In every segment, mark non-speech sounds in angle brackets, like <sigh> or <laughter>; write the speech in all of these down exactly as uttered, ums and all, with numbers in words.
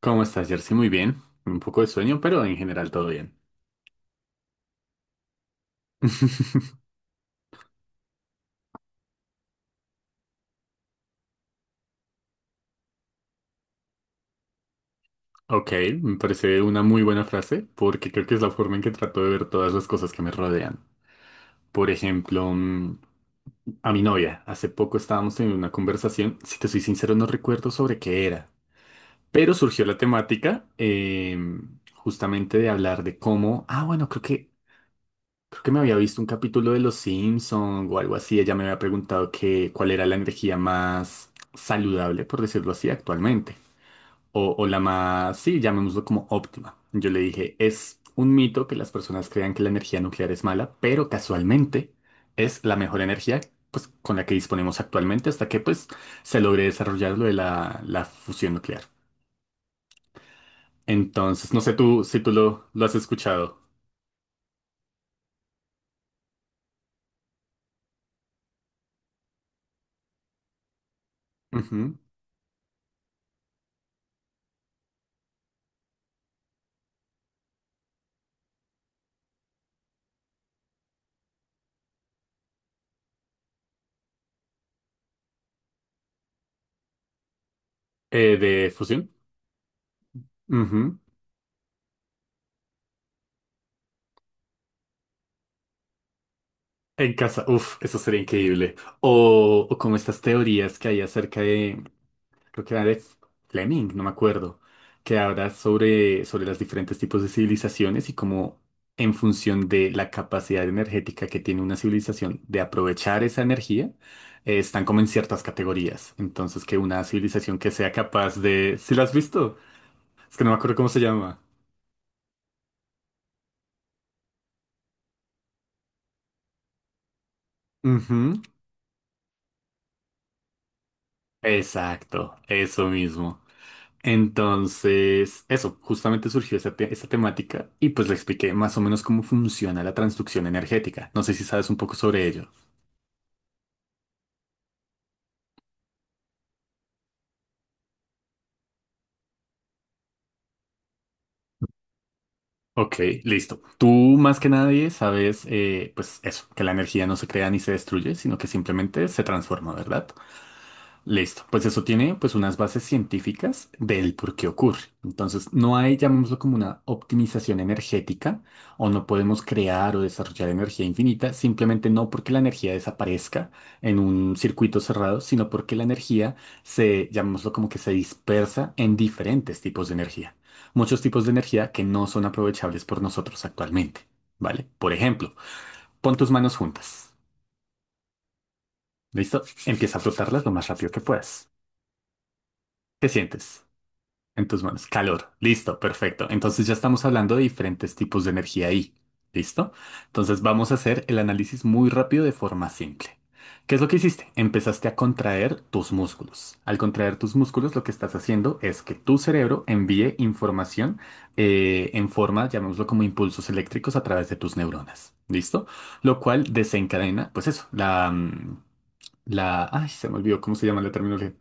¿Cómo estás, Jersey? Muy bien. Un poco de sueño, pero en general todo bien. <laughs> Ok, me parece una muy buena frase porque creo que es la forma en que trato de ver todas las cosas que me rodean. Por ejemplo, mm, a mi novia. Hace poco estábamos teniendo una conversación. Si te soy sincero, no recuerdo sobre qué era. Pero surgió la temática eh, justamente de hablar de cómo... Ah, bueno, creo que Creo que me había visto un capítulo de Los Simpson o algo así. Ella me había preguntado que cuál era la energía más saludable, por decirlo así, actualmente. O, o la más, sí, llamémoslo como óptima. Yo le dije, es un mito que las personas crean que la energía nuclear es mala, pero casualmente es la mejor energía pues, con la que disponemos actualmente hasta que pues, se logre desarrollar lo de la, la fusión nuclear. Entonces, no sé tú si tú lo, lo has escuchado. Ujú. Eh, de fusión. Ujú. En casa, uff, eso sería increíble. O, o como estas teorías que hay acerca de, creo que era de Fleming, no me acuerdo, que habla sobre, sobre los diferentes tipos de civilizaciones y cómo en función de la capacidad energética que tiene una civilización de aprovechar esa energía, eh, están como en ciertas categorías. Entonces, que una civilización que sea capaz de... ¿Sí la has visto? Es que no me acuerdo cómo se llama. Ujú. Exacto, eso mismo. Entonces, eso, justamente surgió esta, te- esta temática y pues le expliqué más o menos cómo funciona la transducción energética. No sé si sabes un poco sobre ello. Ok, listo. Tú más que nadie sabes, eh, pues eso, que la energía no se crea ni se destruye, sino que simplemente se transforma, ¿verdad? Listo, pues eso tiene pues unas bases científicas del por qué ocurre. Entonces, no hay, llamémoslo como una optimización energética, o no podemos crear o desarrollar energía infinita, simplemente no porque la energía desaparezca en un circuito cerrado, sino porque la energía se, llamémoslo como que se dispersa en diferentes tipos de energía. Muchos tipos de energía que no son aprovechables por nosotros actualmente, ¿vale? Por ejemplo, pon tus manos juntas. ¿Listo? Empieza a frotarlas lo más rápido que puedas. ¿Qué sientes? En tus manos. Calor. Listo, perfecto. Entonces ya estamos hablando de diferentes tipos de energía ahí. ¿Listo? Entonces vamos a hacer el análisis muy rápido de forma simple. ¿Qué es lo que hiciste? Empezaste a contraer tus músculos. Al contraer tus músculos, lo que estás haciendo es que tu cerebro envíe información eh, en forma, llamémoslo como impulsos eléctricos a través de tus neuronas. ¿Listo? Lo cual desencadena, pues eso, la, mm, la, ay, se me olvidó cómo se llama la terminología.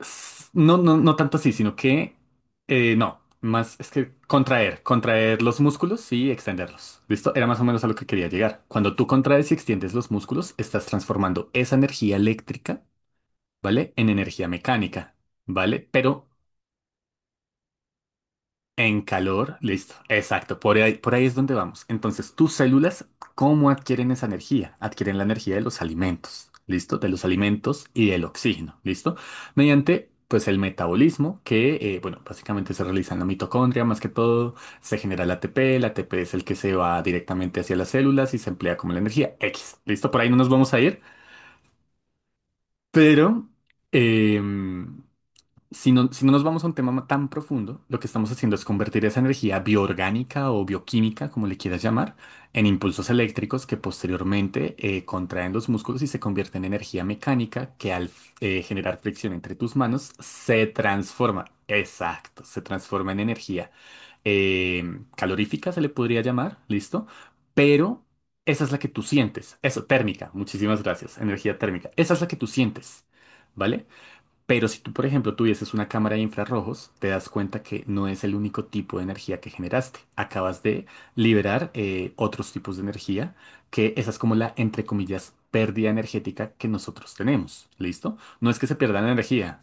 S- No, no, no tanto así, sino que eh, no, más es que contraer, contraer los músculos y extenderlos. ¿Listo? Era más o menos a lo que quería llegar. Cuando tú contraes y extiendes los músculos, estás transformando esa energía eléctrica, ¿vale? En energía mecánica, ¿vale? Pero en calor, listo. Exacto, por ahí, por ahí es donde vamos. Entonces, tus células, ¿cómo adquieren esa energía? Adquieren la energía de los alimentos, ¿listo? De los alimentos y del oxígeno, ¿listo? Mediante, pues, el metabolismo que, eh, bueno, básicamente se realiza en la mitocondria, más que todo, se genera el A T P, el A T P es el que se va directamente hacia las células y se emplea como la energía X, ¿listo? Por ahí no nos vamos a ir, pero... em, si no, si no nos vamos a un tema tan profundo, lo que estamos haciendo es convertir esa energía bioorgánica o bioquímica, como le quieras llamar, en impulsos eléctricos que posteriormente eh, contraen los músculos y se convierte en energía mecánica que al eh, generar fricción entre tus manos se transforma. Exacto, se transforma en energía eh, calorífica, se le podría llamar, ¿listo? Pero esa es la que tú sientes. Eso, térmica. Muchísimas gracias. Energía térmica. Esa es la que tú sientes. ¿Vale? Pero si tú, por ejemplo, tuvieses una cámara de infrarrojos, te das cuenta que no es el único tipo de energía que generaste. Acabas de liberar eh, otros tipos de energía, que esa es como la, entre comillas, pérdida energética que nosotros tenemos. ¿Listo? No es que se pierda la energía.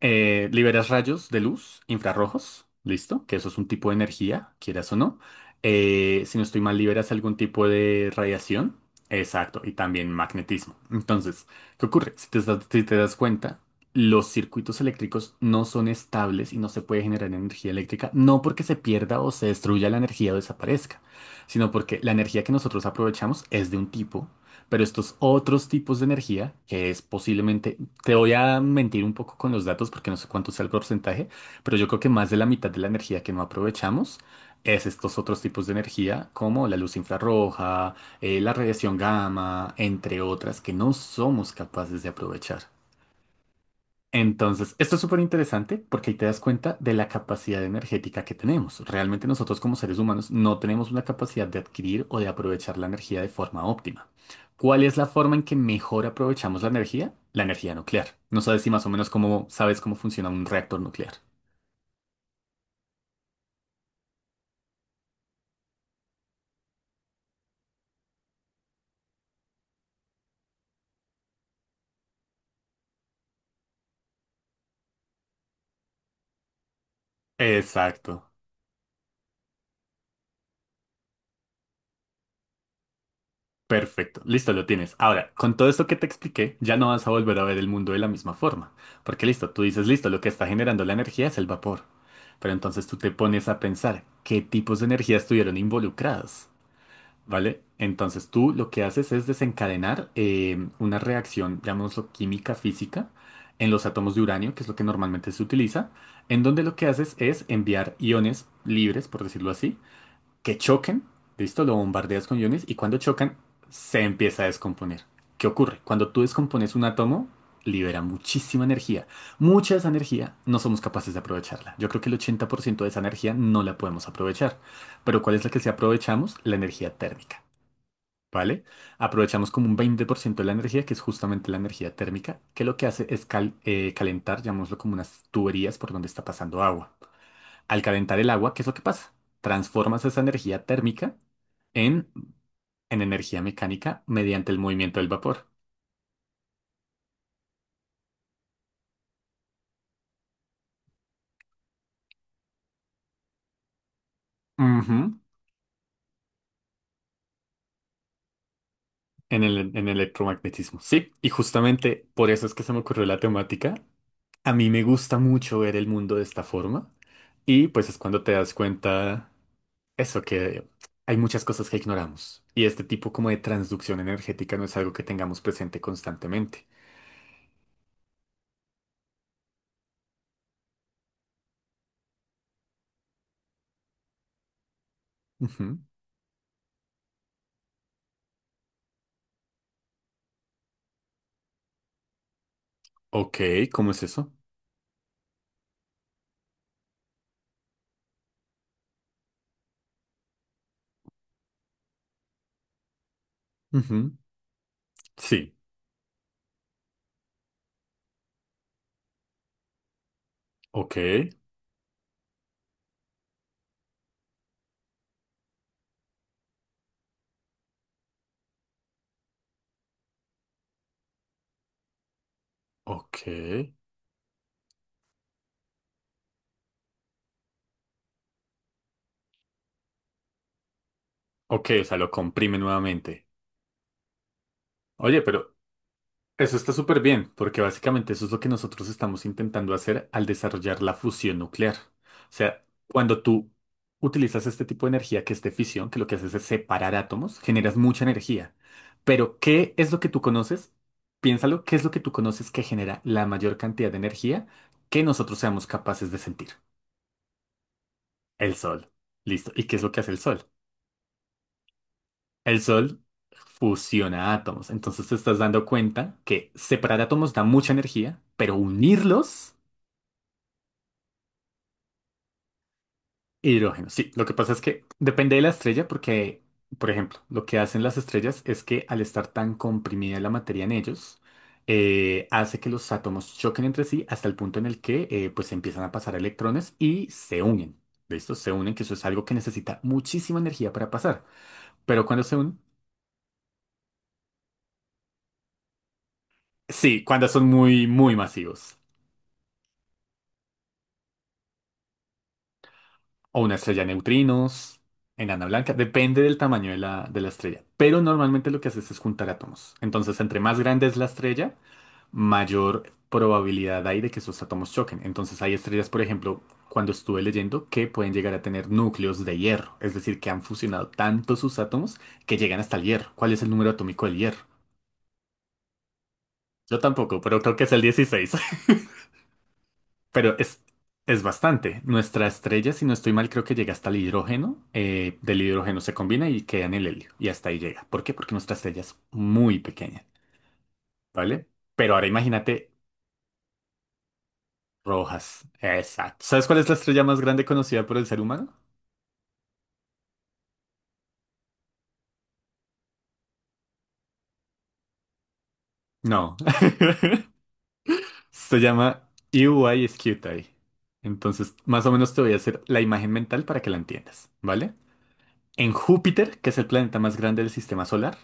Eh, liberas rayos de luz infrarrojos, listo, que eso es un tipo de energía, quieras o no. Eh, si no estoy mal, liberas algún tipo de radiación, exacto, y también magnetismo. Entonces, ¿qué ocurre? Si te, das- si te das cuenta, los circuitos eléctricos no son estables y no se puede generar energía eléctrica, no porque se pierda o se destruya la energía o desaparezca, sino porque la energía que nosotros aprovechamos es de un tipo. Pero estos otros tipos de energía, que es posiblemente te voy a mentir un poco con los datos porque no sé cuánto sea el porcentaje, pero yo creo que más de la mitad de la energía que no aprovechamos es estos otros tipos de energía como la luz infrarroja, eh, la radiación gamma, entre otras que no somos capaces de aprovechar. Entonces, esto es súper interesante porque ahí te das cuenta de la capacidad energética que tenemos. Realmente nosotros como seres humanos no tenemos una capacidad de adquirir o de aprovechar la energía de forma óptima. ¿Cuál es la forma en que mejor aprovechamos la energía? La energía nuclear. No sabes si más o menos cómo sabes cómo funciona un reactor nuclear. Exacto. Perfecto, listo, lo tienes. Ahora, con todo esto que te expliqué, ya no vas a volver a ver el mundo de la misma forma. Porque listo, tú dices, listo, lo que está generando la energía es el vapor. Pero entonces tú te pones a pensar qué tipos de energía estuvieron involucradas, ¿vale? Entonces tú lo que haces es desencadenar eh, una reacción, llamémoslo química física, en los átomos de uranio, que es lo que normalmente se utiliza, en donde lo que haces es enviar iones libres, por decirlo así, que choquen, listo, lo bombardeas con iones y cuando chocan se empieza a descomponer. ¿Qué ocurre? Cuando tú descompones un átomo, libera muchísima energía. Mucha de esa energía no somos capaces de aprovecharla. Yo creo que el ochenta por ciento de esa energía no la podemos aprovechar. Pero ¿cuál es la que sí aprovechamos? La energía térmica. ¿Vale? Aprovechamos como un veinte por ciento de la energía, que es justamente la energía térmica, que lo que hace es cal- eh, calentar, llamémoslo como unas tuberías por donde está pasando agua. Al calentar el agua, ¿qué es lo que pasa? Transformas esa energía térmica en, en energía mecánica mediante el movimiento del vapor. Ujú. En el, en el electromagnetismo. Sí, y justamente por eso es que se me ocurrió la temática. A mí me gusta mucho ver el mundo de esta forma y pues es cuando te das cuenta eso, que hay muchas cosas que ignoramos y este tipo como de transducción energética no es algo que tengamos presente constantemente. Ujú. Ok, ¿cómo es eso? Ujú. Sí, ok. Ok. Ok, o sea, lo comprime nuevamente. Oye, pero eso está súper bien, porque básicamente eso es lo que nosotros estamos intentando hacer al desarrollar la fusión nuclear. O sea, cuando tú utilizas este tipo de energía que es de fisión, que lo que haces es separar átomos, generas mucha energía. Pero, ¿qué es lo que tú conoces? Piénsalo, ¿qué es lo que tú conoces que genera la mayor cantidad de energía que nosotros seamos capaces de sentir? El sol. Listo. ¿Y qué es lo que hace el sol? El Sol fusiona átomos, entonces te estás dando cuenta que separar átomos da mucha energía, pero unirlos, hidrógeno. Sí, lo que pasa es que depende de la estrella porque, por ejemplo, lo que hacen las estrellas es que al estar tan comprimida la materia en ellos, eh, hace que los átomos choquen entre sí hasta el punto en el que eh, pues empiezan a pasar electrones y se unen. ¿Listo? Se unen, que eso es algo que necesita muchísima energía para pasar. Pero cuando se unen, sí, cuando son muy, muy masivos. O una estrella de neutrinos, enana blanca, depende del tamaño de la, de la estrella. Pero normalmente lo que haces es juntar átomos. Entonces, entre más grande es la estrella, mayor probabilidad hay de que esos átomos choquen. Entonces, hay estrellas, por ejemplo, cuando estuve leyendo, que pueden llegar a tener núcleos de hierro. Es decir, que han fusionado tanto sus átomos que llegan hasta el hierro. ¿Cuál es el número atómico del hierro? Yo tampoco, pero creo que es el dieciséis. Pero es, es bastante. Nuestra estrella, si no estoy mal, creo que llega hasta el hidrógeno. Eh, del hidrógeno se combina y queda en el helio. Y hasta ahí llega. ¿Por qué? Porque nuestra estrella es muy pequeña, ¿vale? Pero ahora imagínate rojas. Exacto. ¿Sabes cuál es la estrella más grande conocida por el ser humano? No. <laughs> Se llama Scuti. Entonces, más o menos te voy a hacer la imagen mental para que la entiendas, ¿vale? En Júpiter, que es el planeta más grande del sistema solar,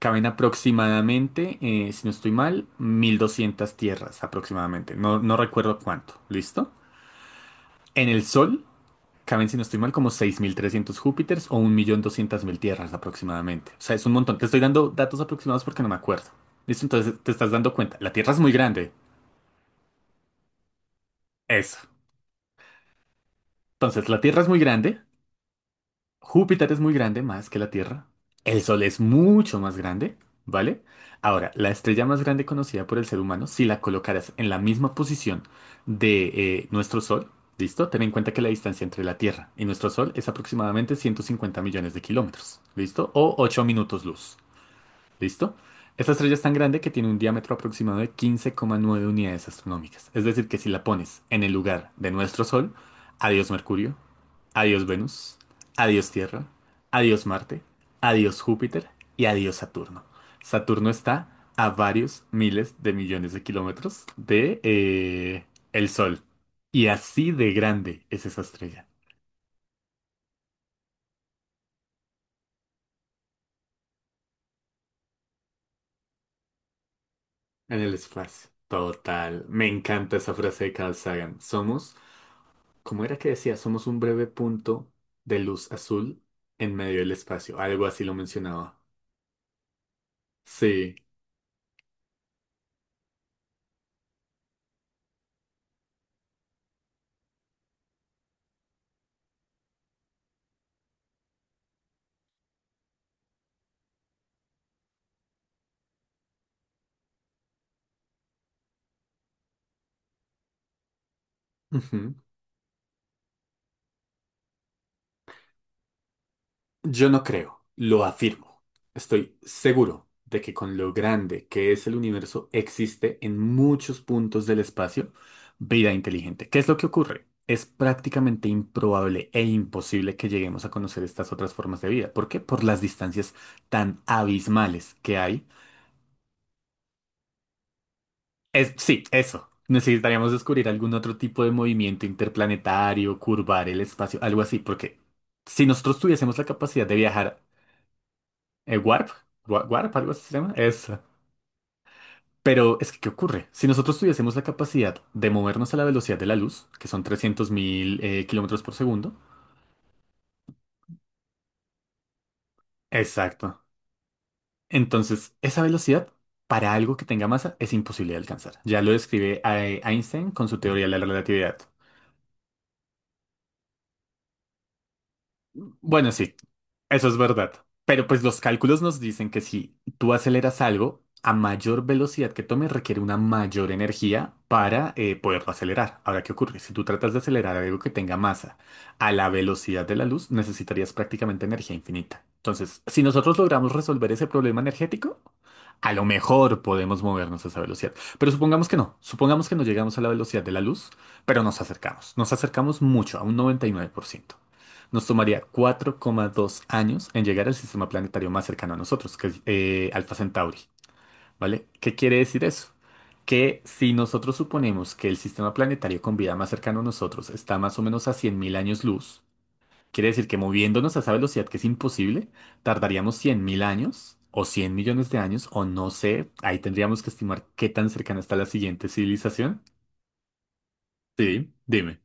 caben aproximadamente, eh, si no estoy mal, mil doscientas tierras aproximadamente. No, no recuerdo cuánto. ¿Listo? En el Sol caben, si no estoy mal, como seis mil trescientos Júpiters o un millón doscientas mil tierras aproximadamente. O sea, es un montón. Te estoy dando datos aproximados porque no me acuerdo. ¿Listo? Entonces te estás dando cuenta. La Tierra es muy grande. Eso. Entonces, la Tierra es muy grande. Júpiter es muy grande, más que la Tierra. El Sol es mucho más grande, ¿vale? Ahora, la estrella más grande conocida por el ser humano, si la colocaras en la misma posición de eh, nuestro Sol, ¿listo? Ten en cuenta que la distancia entre la Tierra y nuestro Sol es aproximadamente ciento cincuenta millones de kilómetros, ¿listo? O ocho minutos luz, ¿listo? Esta estrella es tan grande que tiene un diámetro aproximado de quince coma nueve unidades astronómicas. Es decir, que si la pones en el lugar de nuestro Sol, adiós Mercurio, adiós Venus, adiós Tierra, adiós Marte, adiós Júpiter y adiós Saturno. Saturno está a varios miles de millones de kilómetros de eh, el Sol. Y así de grande es esa estrella en el espacio. Total. Me encanta esa frase de Carl Sagan. Somos, ¿cómo era que decía? Somos un breve punto de luz azul en medio del espacio. Algo así lo mencionaba. Sí. Ujú. Yo no creo, lo afirmo. Estoy seguro de que con lo grande que es el universo existe en muchos puntos del espacio vida inteligente. ¿Qué es lo que ocurre? Es prácticamente improbable e imposible que lleguemos a conocer estas otras formas de vida. ¿Por qué? Por las distancias tan abismales que hay. Es, sí, eso. Necesitaríamos descubrir algún otro tipo de movimiento interplanetario, curvar el espacio, algo así, porque si nosotros tuviésemos la capacidad de viajar. Eh, Warp, Wa- Warp, algo así se llama. Esa. Pero es que, ¿qué ocurre? Si nosotros tuviésemos la capacidad de movernos a la velocidad de la luz, que son trescientos mil eh, kilómetros por segundo. Exacto. Entonces, esa velocidad para algo que tenga masa es imposible de alcanzar. Ya lo describe eh, Einstein con su teoría de la relatividad. Bueno, sí, eso es verdad. Pero pues los cálculos nos dicen que si tú aceleras algo, a mayor velocidad que tome requiere una mayor energía para eh, poderlo acelerar. Ahora, ¿qué ocurre? Si tú tratas de acelerar algo que tenga masa a la velocidad de la luz, necesitarías prácticamente energía infinita. Entonces, si nosotros logramos resolver ese problema energético, a lo mejor podemos movernos a esa velocidad. Pero supongamos que no. Supongamos que no llegamos a la velocidad de la luz, pero nos acercamos. Nos acercamos mucho, a un noventa y nueve por ciento. Nos tomaría cuatro coma dos años en llegar al sistema planetario más cercano a nosotros, que es eh, Alpha Centauri, ¿vale? ¿Qué quiere decir eso? Que si nosotros suponemos que el sistema planetario con vida más cercano a nosotros está más o menos a cien mil años luz, quiere decir que moviéndonos a esa velocidad que es imposible, tardaríamos cien mil años o cien millones de años, o no sé, ahí tendríamos que estimar qué tan cercana está la siguiente civilización. Sí, dime.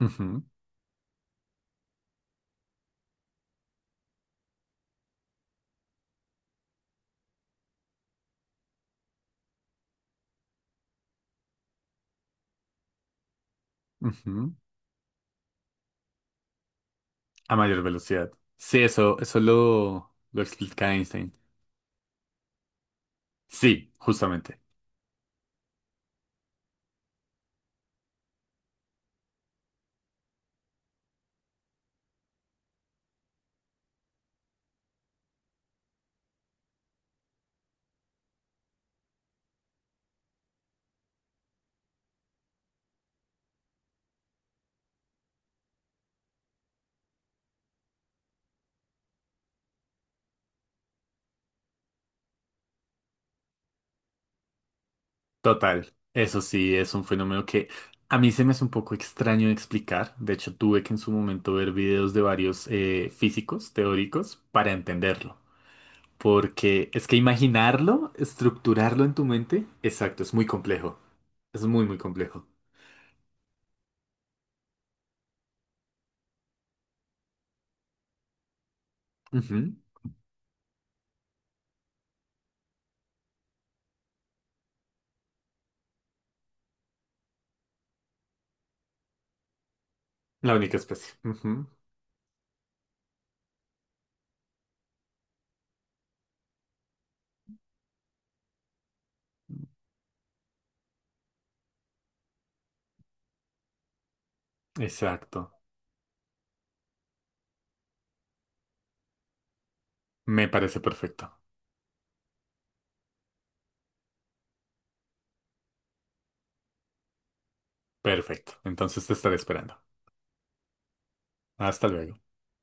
Ujú, ujú. A mayor velocidad. Sí, eso, eso lo, lo explica Einstein. Sí, justamente. Total. Eso sí, es un fenómeno que a mí se me hace un poco extraño de explicar. De hecho, tuve que en su momento ver videos de varios eh, físicos teóricos para entenderlo. Porque es que imaginarlo, estructurarlo en tu mente, exacto, es muy complejo. Es muy, muy complejo. Ujú. La única especie. Ujú. Exacto. Me parece perfecto. Perfecto. Entonces te estaré esperando. Hasta luego.